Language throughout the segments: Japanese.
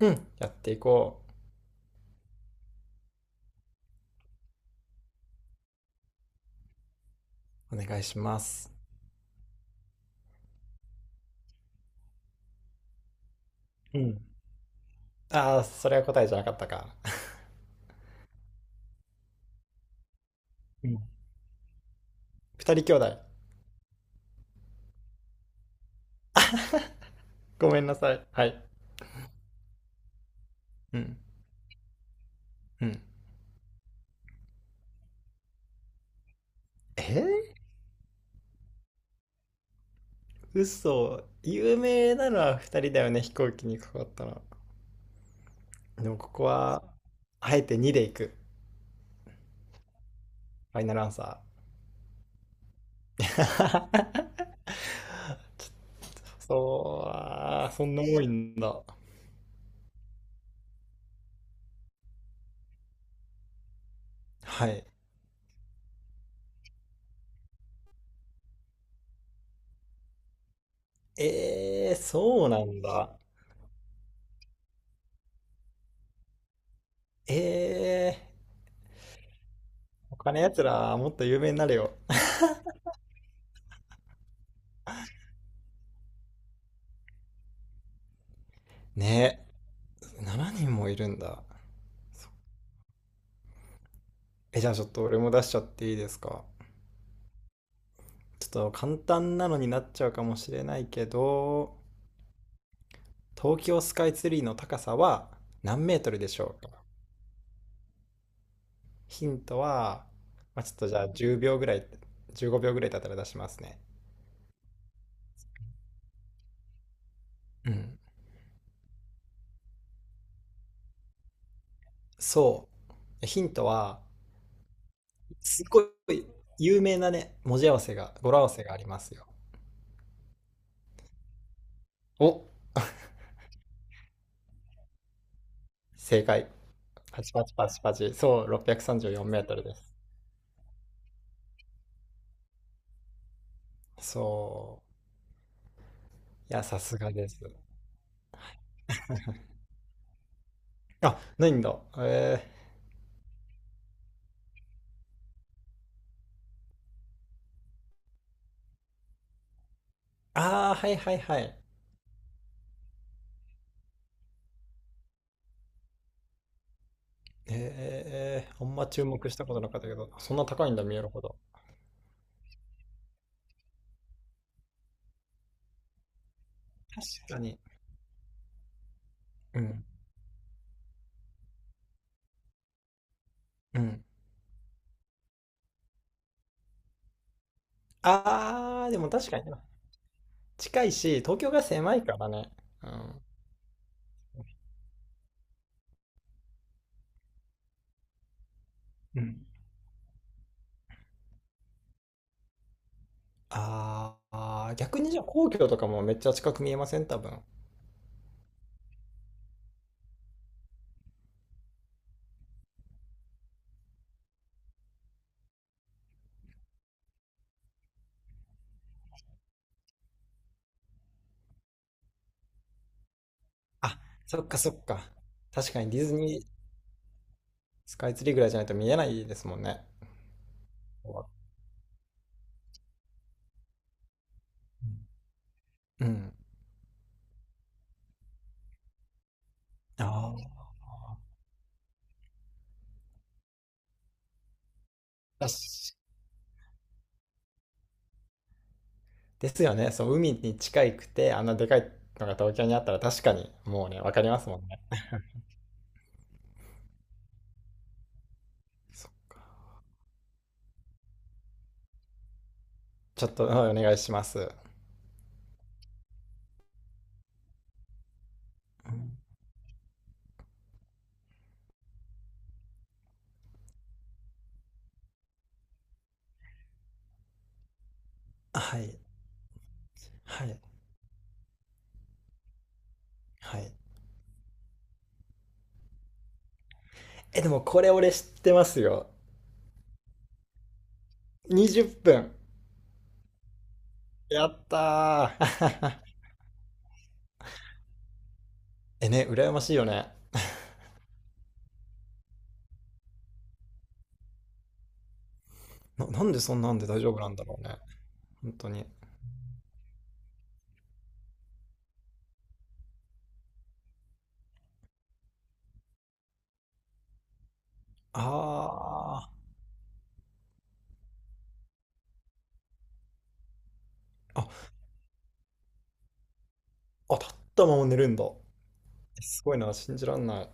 うん。やっていこう。お願いします。うん。ああ、それは答えじゃなかったか。うん。二人 兄弟。ごめんなさい。はい。うん。うん。えー、嘘。有名なのは二人だよね、飛行機にかかったの。でもここは、あえて2でいく。ファイナルアンサー。ちょっとそう、あー、そんな多いんだ。はい。そうなんだ。え、他のやつらもっと有名になれよ。ねえ、7人もいるんだ。え、じゃあちょっと俺も出しちゃっていいですか。ちょっと簡単なのになっちゃうかもしれないけど、東京スカイツリーの高さは何メートルでしょうか。ヒントは、まあ、ちょっとじゃあ10秒ぐらい、15秒ぐらいだったら出しますね。うん。そう。ヒントは、すごい有名なね、文字合わせが、語呂合わせがありますよ。お、正解。パチパチパチパチ。そう、634メートルです。そう。いや、さすがです。あ、ないんだ。ああ、はいはいはい。あんま注目したことなかったけど、そんな高いんだ、見えるほど。確かに。うん。うん。ああ、でも確かにな。近いし、東京が狭いからね。うん。うん。ああ、逆にじゃあ皇居とかもめっちゃ近く見えません多分。あ、そっかそっか。確かにディズニースカイツリーぐらいじゃないと見えないですもんね。うん。ああ。だしですよね。そう、海に近いくて、あんなでかいのが東京にあったら確かに、もうね、わかりますもんね。そう、ちょっと、うん、お願いします。うん。はい。はい。はい。え、でもこれ俺知ってますよ。20分。やったー。え、ね、羨ましいよね。なんでそんなんで大丈夫なんだろうね。本当に。あー。あ、立ったまま寝るんだ。え、すごいな、信じらんない。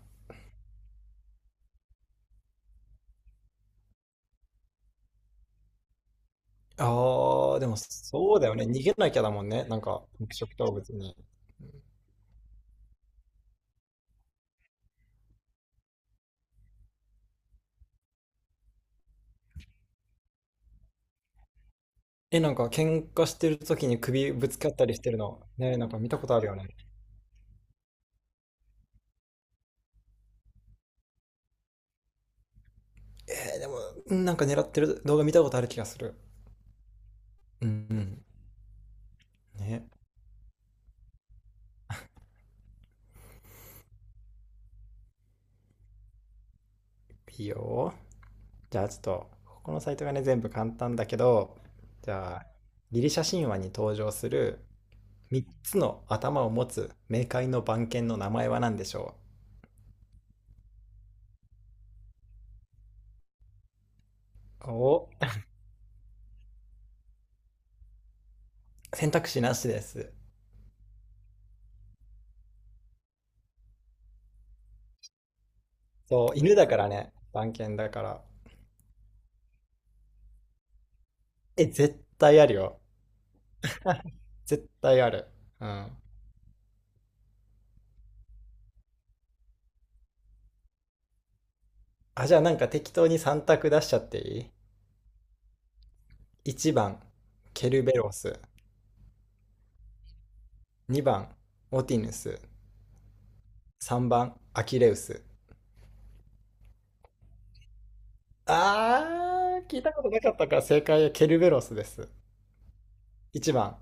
ああ、でもそうだよね。逃げなきゃだもんね。なんか、肉食動物に。え、なんか、喧嘩してる時に首ぶつかったりしてるの。ね、なんか見たことあるよね。でも、うん。なんか狙ってる動画見たことある気がする。うんうん。ね。いいよ。じゃあちょっと、ここのサイトがね、全部簡単だけど、じゃあ、ギリシャ神話に登場する3つの頭を持つ冥界の番犬の名前は何でしょう？お、選択肢なしです。そう、犬だからね。番犬だから。え、絶対あるよ。絶対ある。うん。あ、じゃあなんか適当に3択出しちゃっていい？ 1 番、ケルベロス。2番、オティヌス。3番、アキレウス。あー、聞いたことなかったから正解はケルベロスです。1番。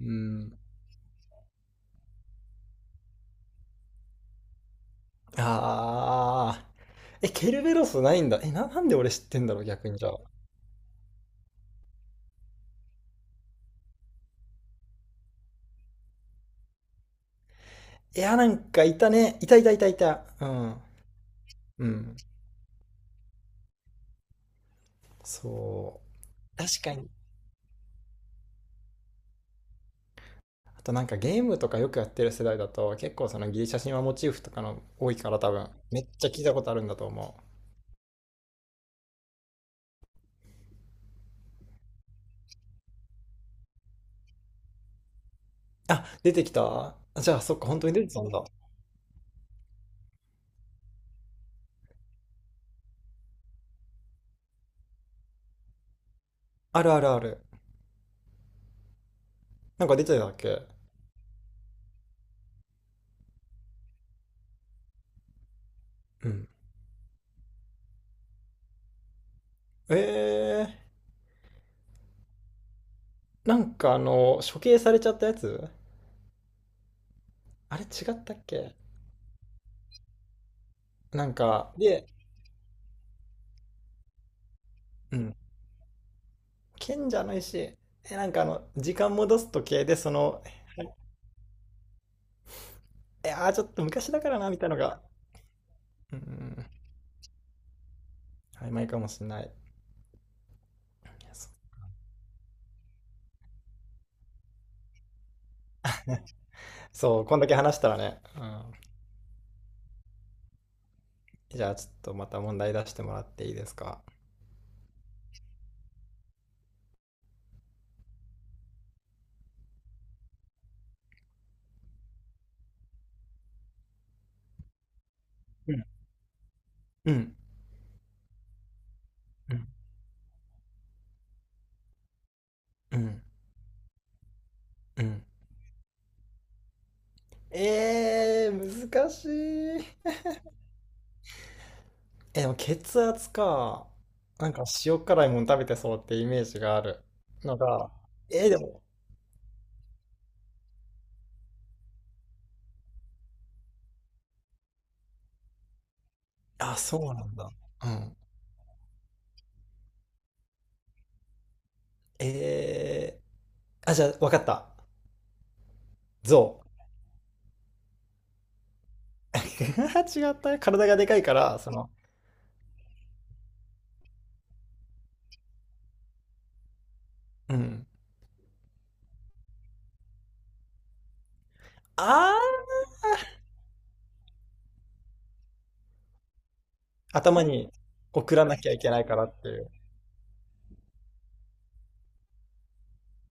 うん。あー。え、ケルベロスないんだ。え、なんで俺知ってんだろう、逆にじゃあ。いや、なんかいたね。いたいたいたいた。うん。うん。そう。確かに。あとなんかゲームとかよくやってる世代だと結構そのギリシャ神話モチーフとかの多いから多分めっちゃ聞いたことあるんだと思う。あ、出てきた、あ、じゃあそっか、本当に出てたんだ。あるあるある。なんか出てたっけ？うん。えなんかあの処刑されちゃったやつ、あれ違ったっけ？なんかで、うん。賢者の石。え、なんかあの時間戻す時計でその、いやー、ちょっと昔だからなみたいなのが、うんうん。曖昧かもしれない。そう、こんだけ話したらね。うん、じゃあ、ちょっとまた問題出してもらっていいですか。うん。うん。うん。うん。うん。難しい。え、でも血圧か。なんか塩辛いもん食べてそうってイメージがあるのが、でも、あ、そうなんだ。うん。えあ、じゃあ、わかった。象。違った。体がでかいから、その、うん。あー、頭に送らなきゃいけないからっていう。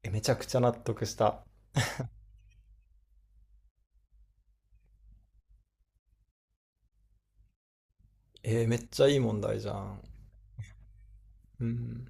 え、めちゃくちゃ納得した。めっちゃいい問題じゃん。うん。